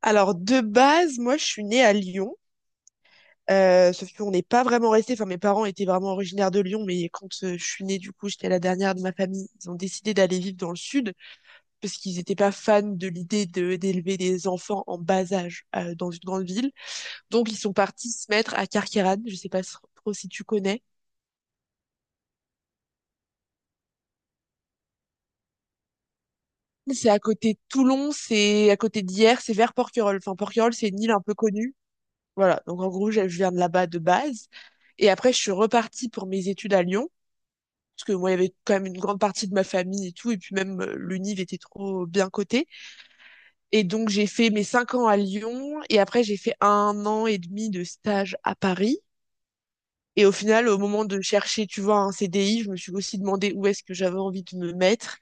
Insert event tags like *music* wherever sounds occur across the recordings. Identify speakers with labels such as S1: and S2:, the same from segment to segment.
S1: Alors, de base, moi, je suis née à Lyon. Sauf qu'on n'est pas vraiment resté. Enfin, mes parents étaient vraiment originaires de Lyon, mais quand je suis née, du coup, j'étais la dernière de ma famille. Ils ont décidé d'aller vivre dans le sud parce qu'ils n'étaient pas fans de l'idée de d'élever des enfants en bas âge dans une grande ville. Donc, ils sont partis se mettre à Carqueiranne. Je sais pas trop si tu connais. C'est à côté de Toulon, c'est à côté d'Hyères, c'est vers Porquerolles. Enfin, Porquerolles, c'est une île un peu connue. Voilà. Donc, en gros, je viens de là-bas de base. Et après, je suis repartie pour mes études à Lyon. Parce que moi, il y avait quand même une grande partie de ma famille et tout, et puis même le était trop bien coté. Et donc, j'ai fait mes 5 ans à Lyon, et après, j'ai fait 1 an et demi de stage à Paris. Et au final, au moment de chercher, tu vois, un CDI, je me suis aussi demandé où est-ce que j'avais envie de me mettre.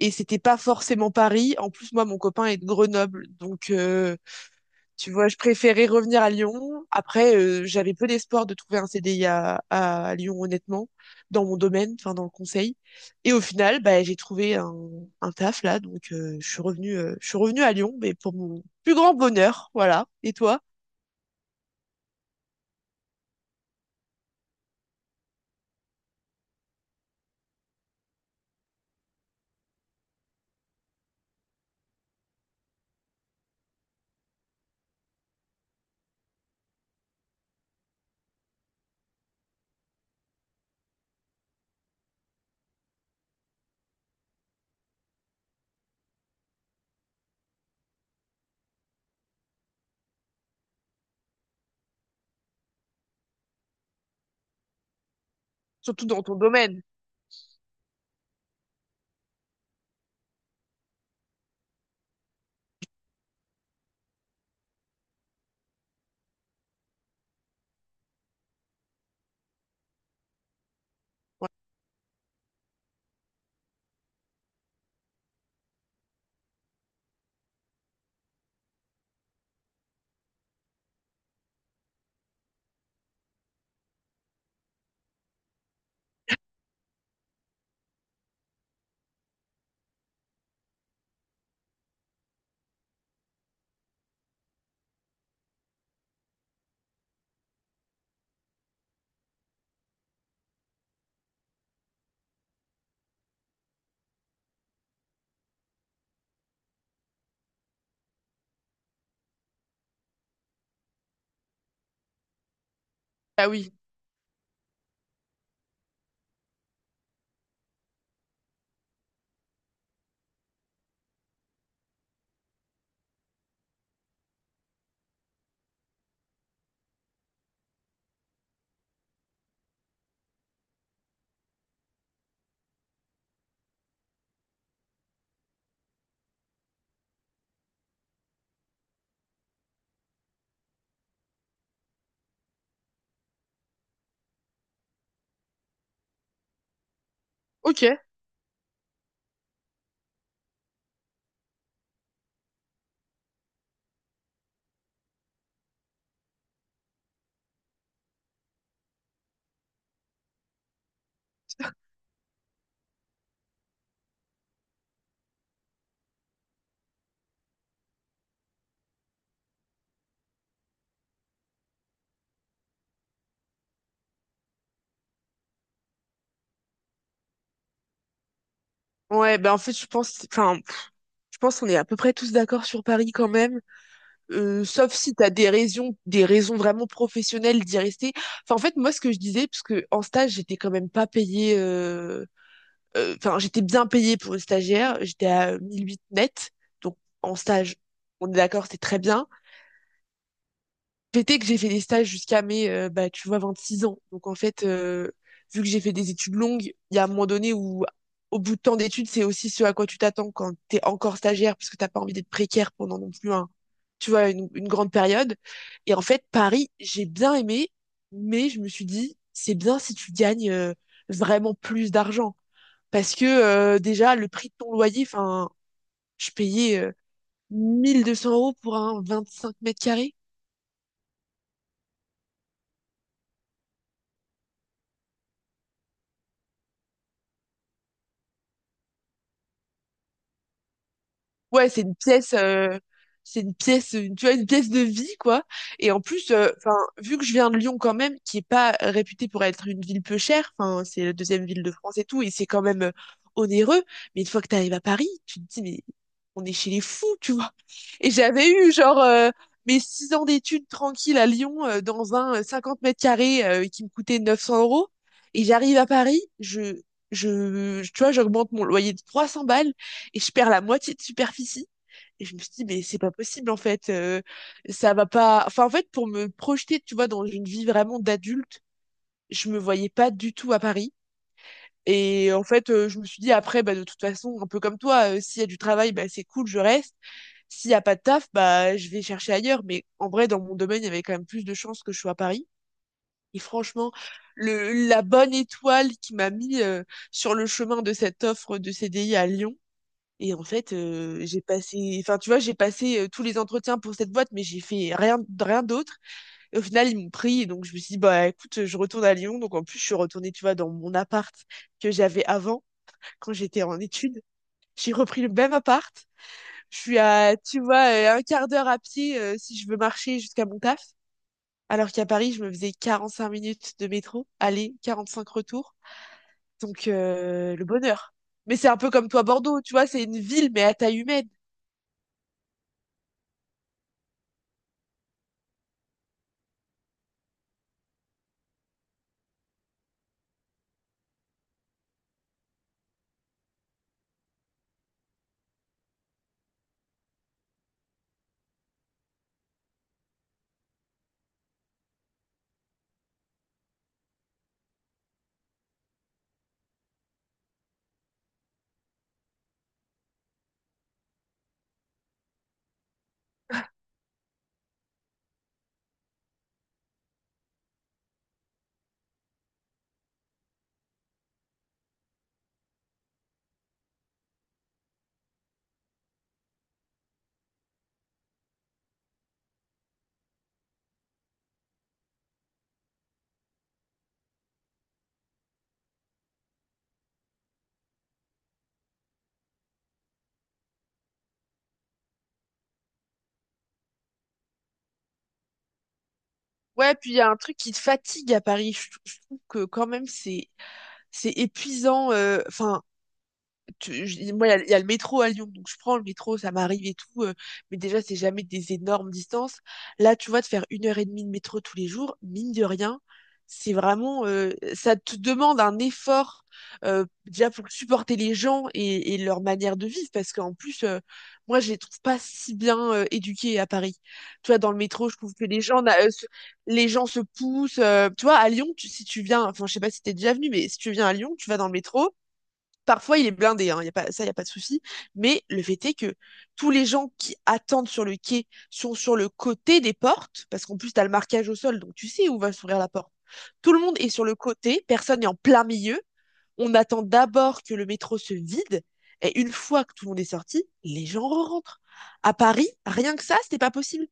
S1: Et c'était pas forcément Paris. En plus, moi, mon copain est de Grenoble, donc tu vois, je préférais revenir à Lyon. Après, j'avais peu d'espoir de trouver un CDI à Lyon, honnêtement, dans mon domaine, enfin dans le conseil. Et au final, bah, j'ai trouvé un taf là, donc je suis revenue à Lyon, mais pour mon plus grand bonheur, voilà. Et toi? Surtout dans ton domaine. Ouais. Ah oui. Ok. Ouais, bah en fait, je pense, enfin, je pense qu'on est à peu près tous d'accord sur Paris quand même. Sauf si tu as des raisons vraiment professionnelles d'y rester. Enfin, en fait, moi, ce que je disais, parce que en stage, j'étais quand même pas payée. Enfin, j'étais bien payée pour une stagiaire. J'étais à 1008 net. Donc, en stage, on est d'accord, c'est très bien. Fait est que j'ai fait des stages jusqu'à mes, bah, tu vois, 26 ans. Donc en fait, vu que j'ai fait des études longues, il y a un moment donné où, au bout de temps d'études, c'est aussi ce à quoi tu t'attends quand t'es encore stagiaire, parce que t'as pas envie d'être précaire pendant non plus un, tu vois, une grande période. Et en fait, Paris, j'ai bien aimé, mais je me suis dit, c'est bien si tu gagnes vraiment plus d'argent. Parce que déjà, le prix de ton loyer, enfin, je payais 1200 euros pour un 25 mètres carrés. Ouais, c'est une pièce, tu vois, une pièce de vie, quoi. Et en plus, enfin, vu que je viens de Lyon quand même, qui est pas réputée pour être une ville peu chère, enfin, c'est la deuxième ville de France et tout, et c'est quand même onéreux. Mais une fois que t'arrives à Paris, tu te dis, mais on est chez les fous, *laughs* tu vois. Et j'avais eu, genre, mes 6 ans d'études tranquilles à Lyon, dans un 50 mètres carrés, qui me coûtait 900 euros. Et j'arrive à Paris, tu vois, j'augmente mon loyer de 300 balles et je perds la moitié de superficie. Et je me suis dit, mais c'est pas possible, en fait. Ça va pas. Enfin, en fait, pour me projeter, tu vois, dans une vie vraiment d'adulte, je me voyais pas du tout à Paris. Et en fait, je me suis dit, après, bah, de toute façon, un peu comme toi, s'il y a du travail, bah, c'est cool, je reste. S'il y a pas de taf, bah, je vais chercher ailleurs. Mais en vrai, dans mon domaine, il y avait quand même plus de chances que je sois à Paris. Et franchement, la bonne étoile qui m'a mis sur le chemin de cette offre de CDI à Lyon, et en fait, j'ai passé, enfin, tu vois, j'ai passé tous les entretiens pour cette boîte, mais j'ai fait rien, rien d'autre. Et au final, ils m'ont pris. Et donc, je me suis dit, bah, écoute, je retourne à Lyon. Donc, en plus, je suis retournée, tu vois, dans mon appart que j'avais avant, quand j'étais en études. J'ai repris le même appart. Je suis à, tu vois, un quart d'heure à pied, si je veux marcher jusqu'à mon taf. Alors qu'à Paris, je me faisais 45 minutes de métro, aller, 45 retours. Donc, le bonheur. Mais c'est un peu comme toi, Bordeaux, tu vois, c'est une ville, mais à taille humaine. Ouais, puis il y a un truc qui te fatigue à Paris. Je trouve que quand même c'est épuisant. Enfin, moi, il y a le métro à Lyon, donc je prends le métro, ça m'arrive et tout, mais déjà, c'est jamais des énormes distances. Là, tu vois, de faire 1 heure et demie de métro tous les jours, mine de rien, c'est vraiment, ça te demande un effort, déjà pour supporter les gens et leur manière de vivre, parce qu'en plus, moi, je les trouve pas si bien, éduqués à Paris. Tu vois, dans le métro, je trouve que les gens, n'a- se- les gens se poussent. Tu vois, à Lyon, si tu viens, enfin, je sais pas si t'es déjà venu, mais si tu viens à Lyon, tu vas dans le métro. Parfois, il est blindé, hein, y a pas, ça, il n'y a pas de souci. Mais le fait est que tous les gens qui attendent sur le quai sont sur le côté des portes, parce qu'en plus, tu as le marquage au sol, donc tu sais où va s'ouvrir la porte. Tout le monde est sur le côté, personne n'est en plein milieu. On attend d'abord que le métro se vide, et une fois que tout le monde est sorti, les gens rentrent. À Paris, rien que ça, c'était pas possible.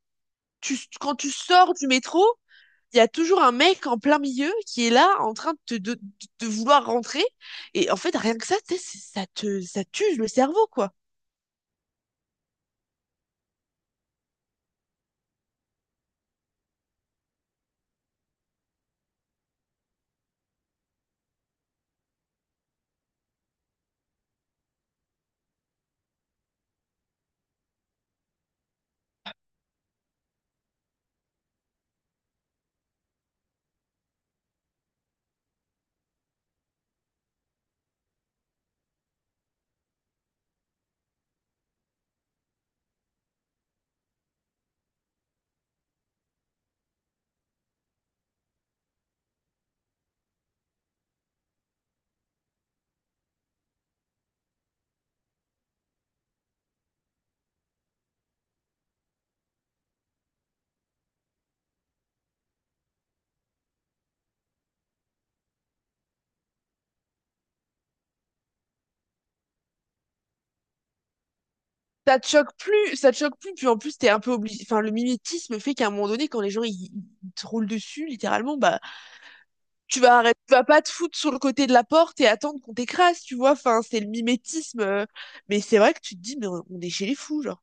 S1: Quand tu sors du métro, il y a toujours un mec en plein milieu qui est là en train de vouloir rentrer. Et en fait, rien que ça, ça tue le cerveau, quoi. Ça te choque plus, ça te choque plus, puis en plus, t'es un peu obligé. Enfin, le mimétisme fait qu'à un moment donné, quand les gens ils te roulent dessus, littéralement, bah, tu vas arrêter, tu vas pas te foutre sur le côté de la porte et attendre qu'on t'écrase, tu vois. Enfin, c'est le mimétisme. Mais c'est vrai que tu te dis, mais on est chez les fous, genre.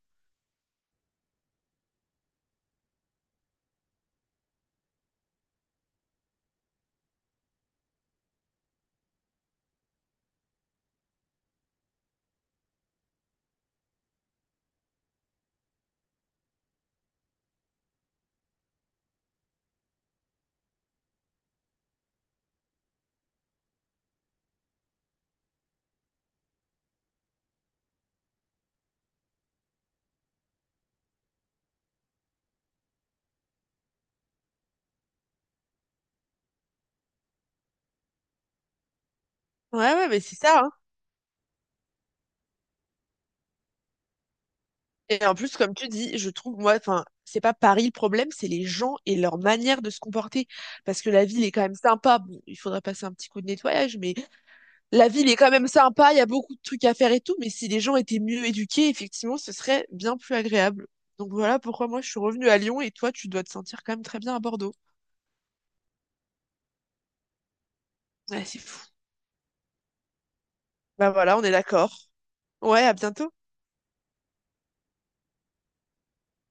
S1: Ouais, ouais, mais c'est ça, hein. Et en plus, comme tu dis, je trouve, moi, enfin, c'est pas Paris le problème, c'est les gens et leur manière de se comporter. Parce que la ville est quand même sympa. Bon, il faudrait passer un petit coup de nettoyage, mais la ville est quand même sympa, il y a beaucoup de trucs à faire et tout. Mais si les gens étaient mieux éduqués, effectivement, ce serait bien plus agréable. Donc voilà pourquoi moi je suis revenue à Lyon et toi, tu dois te sentir quand même très bien à Bordeaux. Ouais, c'est fou. Bah voilà, on est d'accord. Ouais, à bientôt.